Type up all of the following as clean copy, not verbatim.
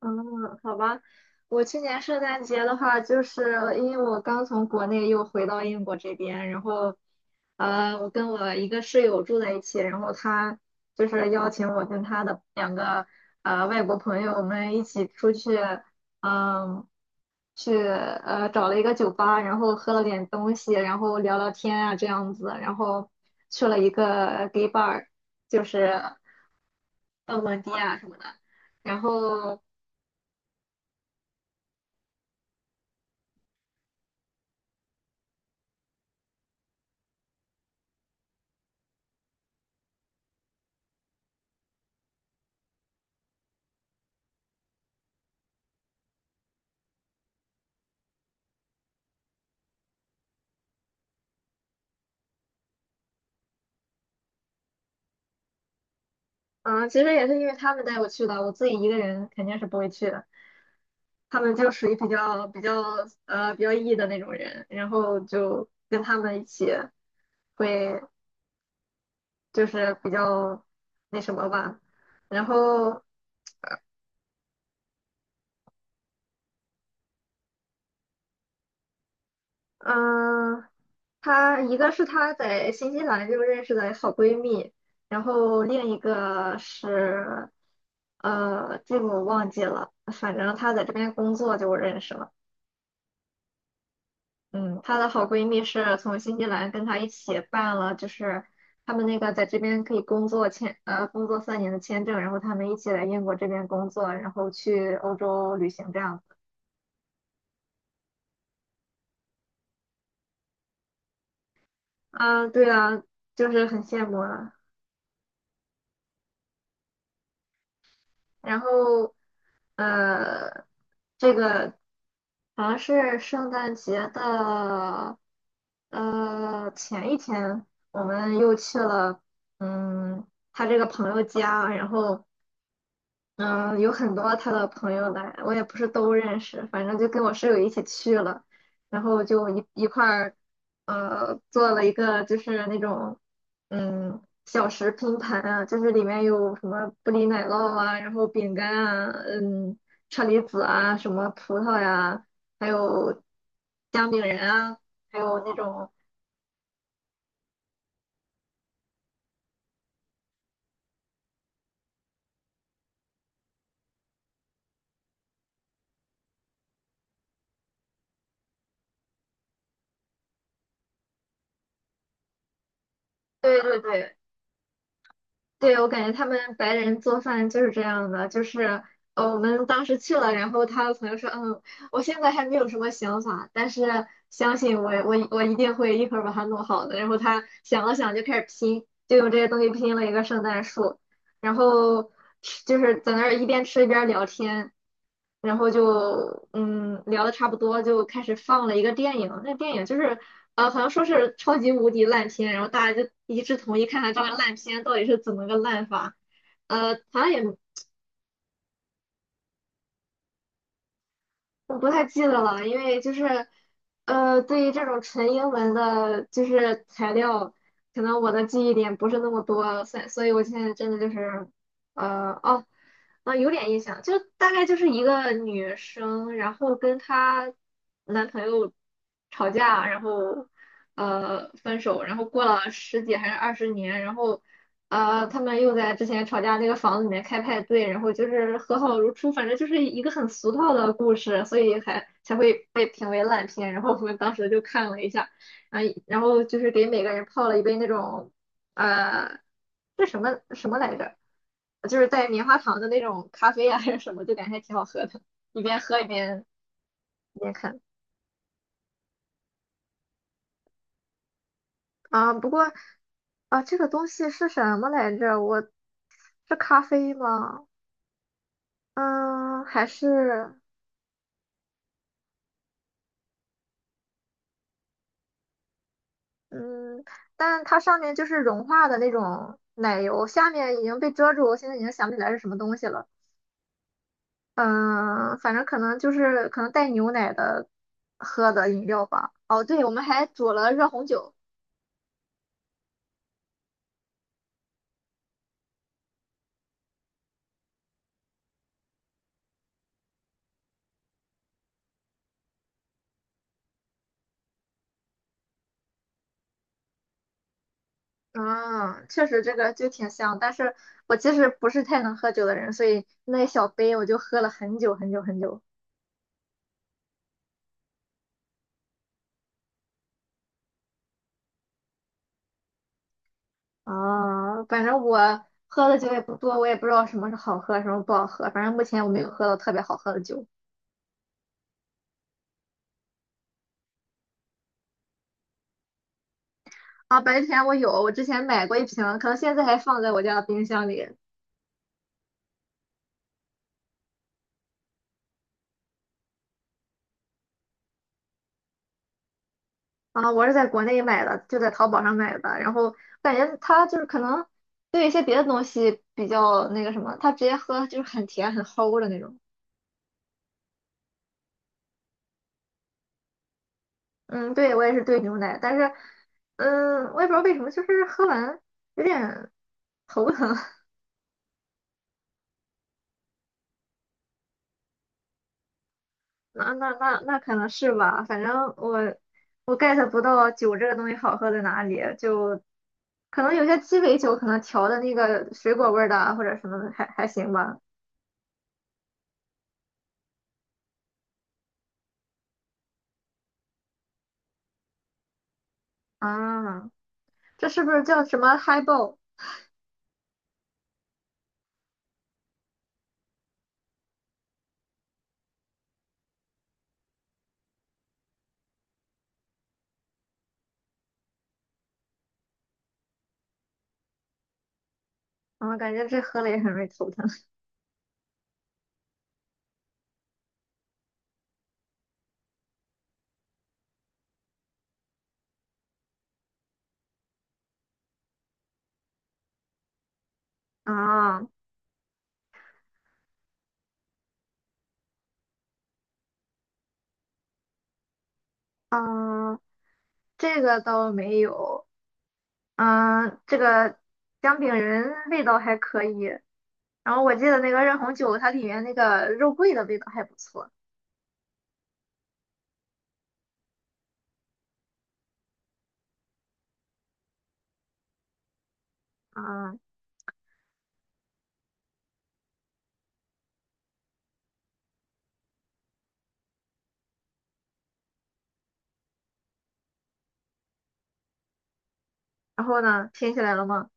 嗯，好吧，我去年圣诞节的话，就是因为我刚从国内又回到英国这边，然后，我跟我一个室友住在一起，然后他就是邀请我跟他的两个外国朋友，我们一起出去，嗯，去找了一个酒吧，然后喝了点东西，然后聊聊天啊这样子，然后去了一个 gay bar,就是蹦蹦迪啊什么的。然后嗯，其实也是因为他们带我去的，我自己一个人肯定是不会去的。他们就属于比较比较 E 的那种人，然后就跟他们一起会就是比较那什么吧。然后嗯，她一个是她在新西兰就认识的好闺蜜，然后另一个是这个我忘记了，反正她在这边工作就认识了。嗯，她的好闺蜜是从新西兰跟她一起办了，就是他们那个在这边可以工作签，呃，工作3年的签证，然后他们一起来英国这边工作，然后去欧洲旅行这样子。啊，对啊，就是很羡慕啊。然后，呃，这个好像是圣诞节的，前一天，我们又去了，嗯，他这个朋友家，然后。嗯，有很多他的朋友来，我也不是都认识，反正就跟我室友一起去了，然后就一块儿，做了一个就是那种，小食拼盘啊，就是里面有什么布里奶酪啊，然后饼干啊，嗯，车厘子啊，什么葡萄呀，还有姜饼人啊，还有那种，对对对，对，我感觉他们白人做饭就是这样的，就是我们当时去了，然后他的朋友说，嗯，我现在还没有什么想法，但是相信我，我一定会一会儿把它弄好的。然后他想了想，就开始拼，就用这些东西拼了一个圣诞树，然后吃就是在那儿一边吃一边聊天。然后就嗯聊的差不多，就开始放了一个电影。那电影就是好像说是超级无敌烂片，然后大家就一致同意看看这个烂片到底是怎么个烂法。好像也不太记得了，因为就是对于这种纯英文的，就是材料，可能我的记忆点不是那么多，所以我现在真的就是呃哦。啊，有点印象，就大概就是一个女生，然后跟她男朋友吵架，然后分手，然后过了十几还是20年，然后他们又在之前吵架那个房子里面开派对，然后就是和好如初，反正就是一个很俗套的故事，所以还才会被评为烂片。然后我们当时就看了一下，啊，然后就是给每个人泡了一杯那种呃，这什么什么来着？就是带棉花糖的那种咖啡啊，还是什么，就感觉还挺好喝的，一边喝一边一边看啊。不过啊，这个东西是什么来着？我是咖啡吗？嗯，还是嗯，但它上面就是融化的那种奶油，下面已经被遮住，我现在已经想不起来是什么东西了。嗯，反正可能就是可能带牛奶的喝的饮料吧。哦，对，我们还煮了热红酒。嗯，确实这个就挺香，但是我其实不是太能喝酒的人，所以那一小杯我就喝了很久很久很久。啊，反正我喝的酒也不多，我也不知道什么是好喝，什么不好喝。反正目前我没有喝到特别好喝的酒。啊，白天我有，我之前买过一瓶，可能现在还放在我家的冰箱里。啊，我是在国内买的，就在淘宝上买的。然后感觉它就是可能对一些别的东西比较那个什么，它直接喝就是很甜很齁的那种。嗯，对，我也是兑牛奶，但是嗯，我也不知道为什么，就是喝完有点头疼。那可能是吧，反正我我 get 不到酒这个东西好喝在哪里，就可能有些鸡尾酒可能调的那个水果味儿的啊或者什么的还行吧。啊。这是不是叫什么嗨爆？g 啊，感觉这喝了也很容易头疼啊。嗯，这个倒没有。嗯，这个姜饼人味道还可以。然后我记得那个热红酒，它里面那个肉桂的味道还不错。嗯，然后呢，拼起来了吗？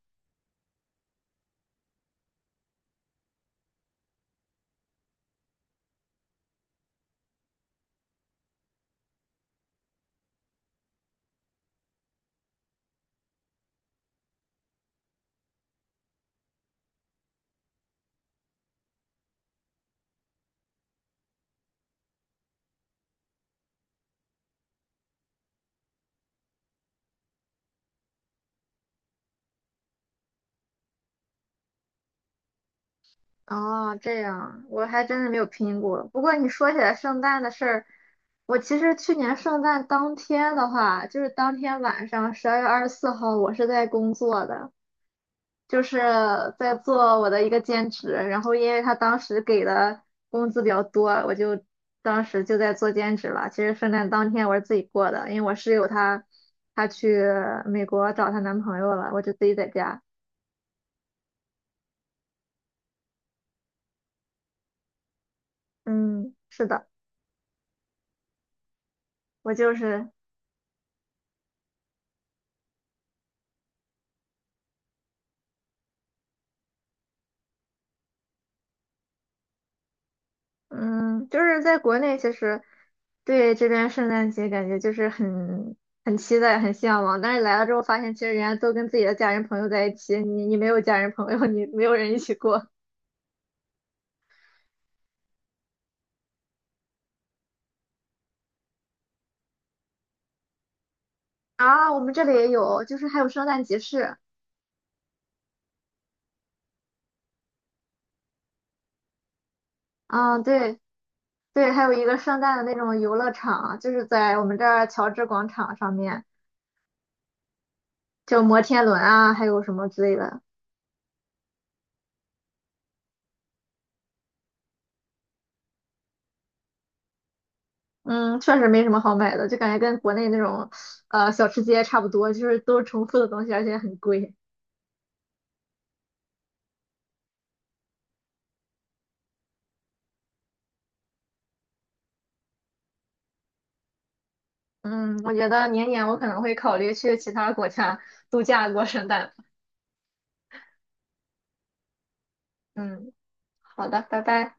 哦，这样，我还真是没有拼过。不过你说起来圣诞的事儿，我其实去年圣诞当天的话，就是当天晚上12月24号，我是在工作的。就是在做我的一个兼职，然后因为他当时给的工资比较多，我就当时就在做兼职了。其实圣诞当天我是自己过的，因为我室友她她去美国找她男朋友了，我就自己在家。嗯，是的，我就是嗯，就是在国内其实对这边圣诞节感觉就是很期待、很向往，但是来了之后发现，其实人家都跟自己的家人朋友在一起，你没有家人朋友，你没有人一起过。啊，我们这里也有，就是还有圣诞集市，啊，对对，还有一个圣诞的那种游乐场，就是在我们这儿乔治广场上面，就摩天轮啊，还有什么之类的。嗯，确实没什么好买的，就感觉跟国内那种小吃街差不多，就是都是重复的东西，而且很贵。嗯，我觉得明年我可能会考虑去其他国家度假过圣诞。嗯，好的，拜拜。